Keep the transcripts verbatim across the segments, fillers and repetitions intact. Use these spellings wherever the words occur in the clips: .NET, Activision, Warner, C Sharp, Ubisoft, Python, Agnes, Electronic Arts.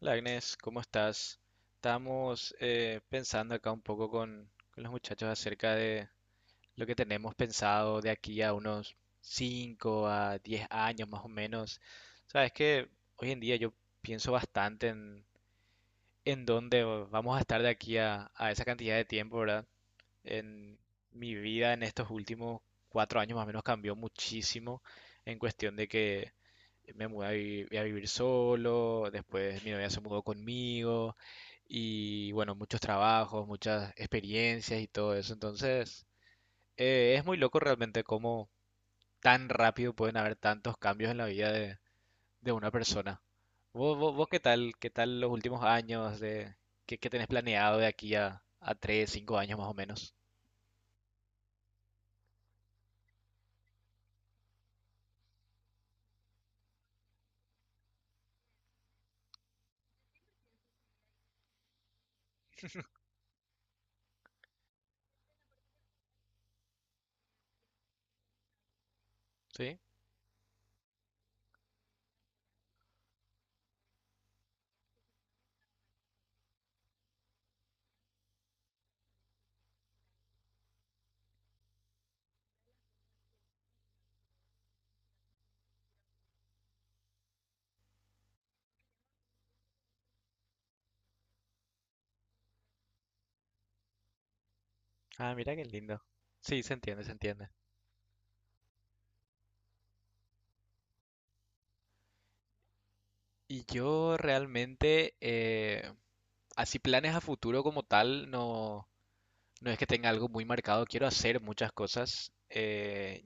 Hola Agnes, ¿cómo estás? Estamos eh, pensando acá un poco con, con los muchachos acerca de lo que tenemos pensado de aquí a unos cinco a diez años más o menos. Sabes que hoy en día yo pienso bastante en, en dónde vamos a estar de aquí a, a esa cantidad de tiempo, ¿verdad? En mi vida en estos últimos cuatro años más o menos cambió muchísimo en cuestión de que me mudé a, vi- a vivir solo, después mi novia se mudó conmigo y bueno, muchos trabajos, muchas experiencias y todo eso. Entonces, eh, es muy loco realmente cómo tan rápido pueden haber tantos cambios en la vida de, de una persona. ¿Vos, vos, vos qué tal? ¿Qué tal los últimos años de qué, qué tenés planeado de aquí a, a tres cinco años más o menos? ¿Sí? Ah, mira qué lindo. Sí, se entiende, se entiende. Y yo realmente, eh, así planes a futuro como tal, no, no es que tenga algo muy marcado. Quiero hacer muchas cosas. Eh,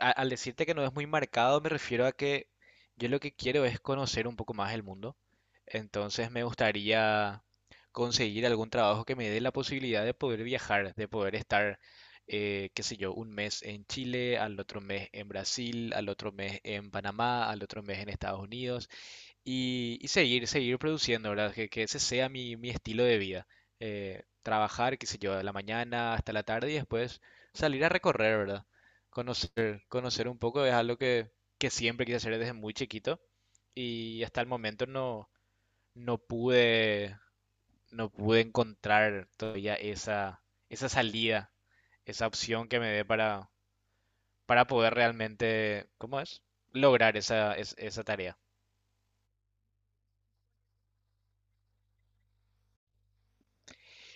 a- al decirte que no es muy marcado, me refiero a que yo lo que quiero es conocer un poco más el mundo. Entonces me gustaría conseguir algún trabajo que me dé la posibilidad de poder viajar, de poder estar, eh, qué sé yo, un mes en Chile, al otro mes en Brasil, al otro mes en Panamá, al otro mes en Estados Unidos. Y, y seguir, seguir produciendo, ¿verdad? Que, que ese sea mi, mi estilo de vida. Eh, trabajar, qué sé yo, de la mañana hasta la tarde y después salir a recorrer, ¿verdad? Conocer, conocer un poco es algo que, que siempre quise hacer desde muy chiquito y hasta el momento no, no pude, no pude encontrar todavía esa, esa salida, esa opción que me dé para, para poder realmente, ¿cómo es? Lograr esa, es- esa tarea.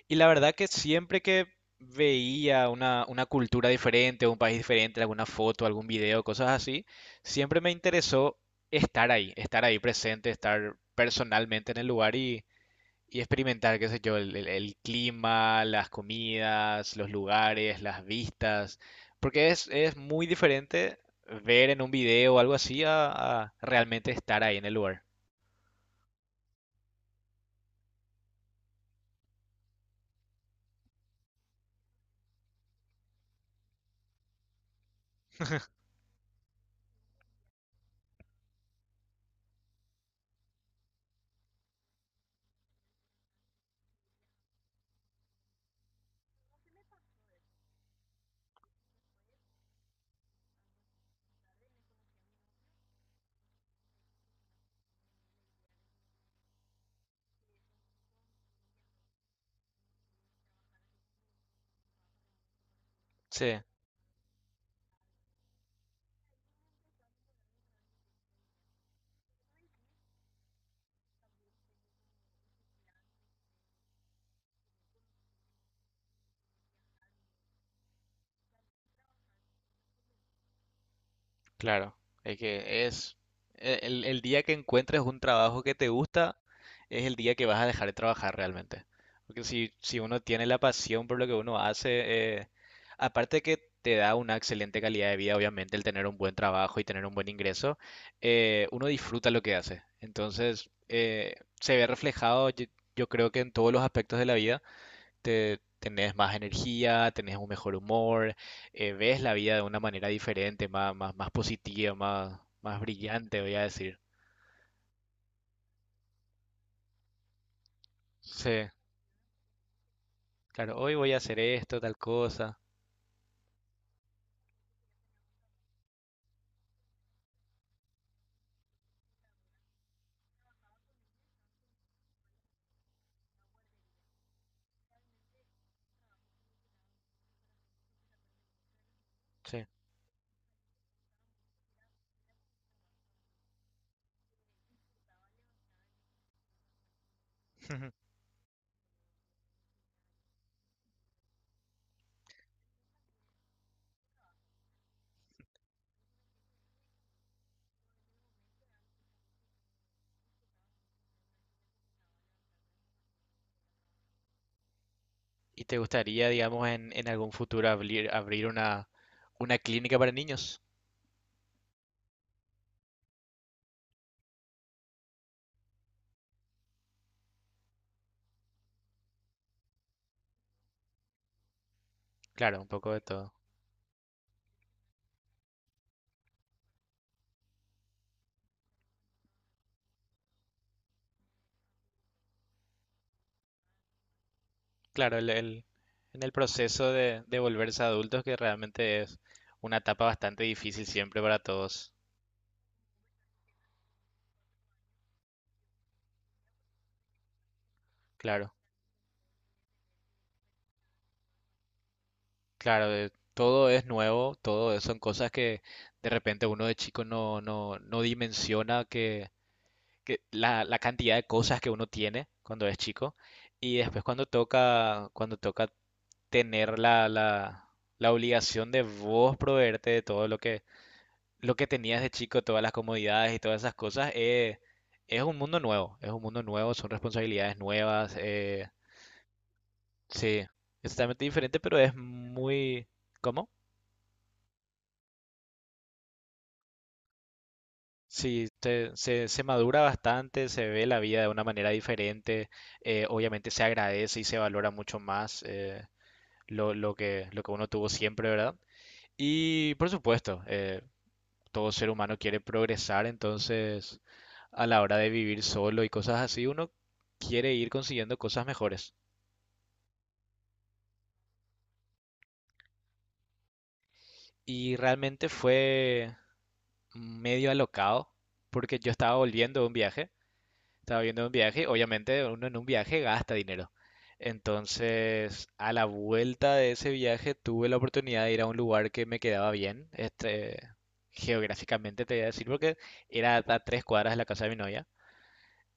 Y la verdad que siempre que veía una, una cultura diferente, un país diferente, alguna foto, algún video, cosas así, siempre me interesó estar ahí, estar ahí presente, estar personalmente en el lugar y, y experimentar, qué sé yo, el, el- el clima, las comidas, los lugares, las vistas, porque es, es muy diferente ver en un video o algo así a, a realmente estar ahí en el lugar. Sí. Claro, es que es e- el, el día que encuentres un trabajo que te gusta, es el día que vas a dejar de trabajar realmente. Porque si, si uno tiene la pasión por lo que uno hace, eh, aparte que te da una excelente calidad de vida, obviamente, el tener un buen trabajo y tener un buen ingreso, eh, uno disfruta lo que hace. Entonces, eh, se ve reflejado, yo yo creo que en todos los aspectos de la vida te, tenés más energía, tenés un mejor humor, eh, ves la vida de una manera diferente, más, más, más positiva, más, más brillante, voy a decir. Sí, claro, hoy voy a hacer esto, tal cosa. Sí. ¿Y te gustaría, digamos, en, en algún futuro abrir, abrir una, una clínica para niños? Claro, un poco de todo. Claro, el, el- en el proceso de, de volverse adultos, que realmente es una etapa bastante difícil siempre para todos. Claro. Claro, eh, todo es nuevo, todo es- son cosas que de repente uno de chico no, no, no dimensiona que, que la, la cantidad de cosas que uno tiene cuando es chico y después cuando toca, cuando toca tener la, la, la obligación de vos proveerte de todo lo que, lo que tenías de chico, todas las comodidades y todas esas cosas, eh, es un mundo nuevo, es un mundo nuevo, son responsabilidades nuevas, eh, sí, es totalmente diferente, pero es muy... ¿Cómo? Sí, te- se, se madura bastante, se ve la vida de una manera diferente, eh, obviamente se agradece y se valora mucho más eh, lo, lo que, lo que uno tuvo siempre, ¿verdad? Y por supuesto, eh, todo ser humano quiere progresar, entonces a la hora de vivir solo y cosas así, uno quiere ir consiguiendo cosas mejores. Y realmente fue medio alocado porque yo estaba volviendo de un viaje. Estaba viendo un viaje, obviamente uno en un viaje gasta dinero. Entonces, a la vuelta de ese viaje tuve la oportunidad de ir a un lugar que me quedaba bien, este, geográficamente te voy a decir, porque era a tres cuadras de la casa de mi novia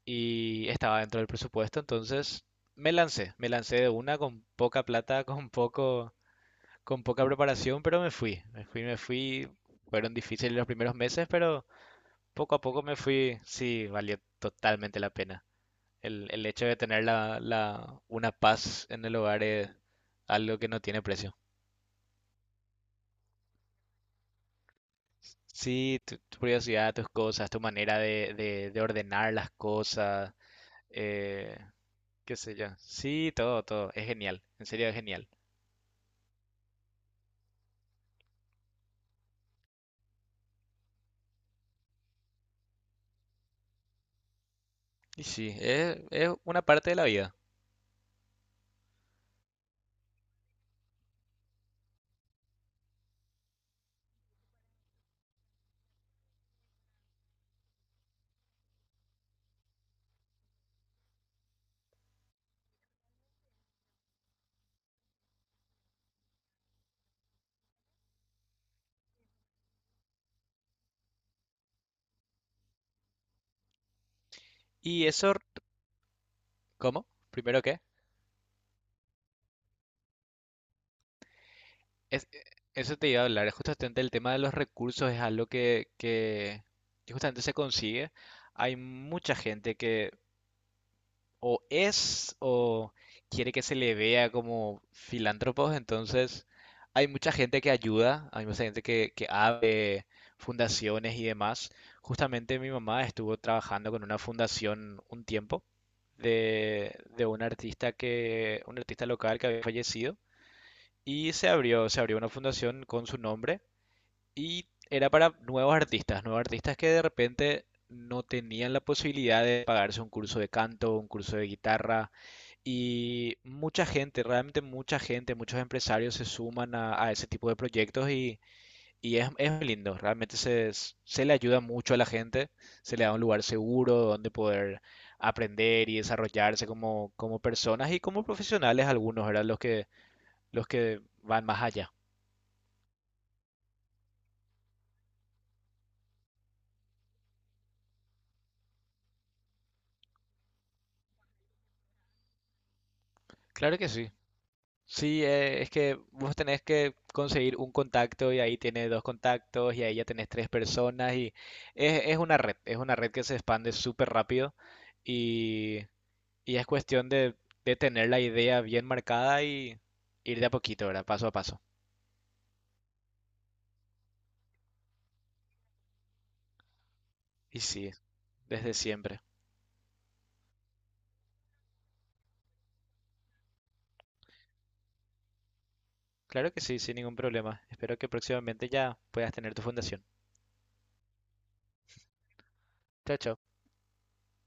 y estaba dentro del presupuesto, entonces me lancé, me lancé de una con poca plata, con poco, con poca preparación, pero me fui, me fui, me fui. Fueron difíciles los primeros meses, pero poco a poco me fui, sí, valió totalmente la pena. El, el hecho de tener la, la, una paz en el hogar es algo que no tiene precio. Sí, tu, tu curiosidad, tus cosas, tu manera de, de- de ordenar las cosas, eh, qué sé yo. Sí, todo, todo. Es genial. En serio, es genial. Y sí, es, es una parte de la vida. ¿Y eso, cómo? ¿Primero qué? Es, eh, Eso te iba a hablar. Justamente el tema de los recursos es algo que, que que justamente se consigue. Hay mucha gente que o es o quiere que se le vea como filántropos, entonces hay mucha gente que ayuda, hay mucha gente que, que abre fundaciones y demás. Justamente mi mamá estuvo trabajando con una fundación un tiempo de, de un artista que, un artista local que había fallecido y se abrió, se abrió una fundación con su nombre y era para nuevos artistas, nuevos artistas que de repente no tenían la posibilidad de pagarse un curso de canto, un curso de guitarra. Y mucha gente, realmente mucha gente, muchos empresarios se suman a, a ese tipo de proyectos y, y es, es muy lindo. Realmente se, se le ayuda mucho a la gente, se le da un lugar seguro donde poder aprender y desarrollarse como, como personas y como profesionales algunos, eran Los que, los que van más allá. Claro que sí. Sí, eh, es que vos tenés que conseguir un contacto y ahí tienes dos contactos y ahí ya tenés tres personas y es, es una red, es una red que se expande súper rápido y, y es cuestión de, de tener la idea bien marcada y ir de a poquito, ¿verdad? Paso a paso. Y sí, desde siempre. Claro que sí, sin ningún problema. Espero que próximamente ya puedas tener tu fundación. Chao, chao.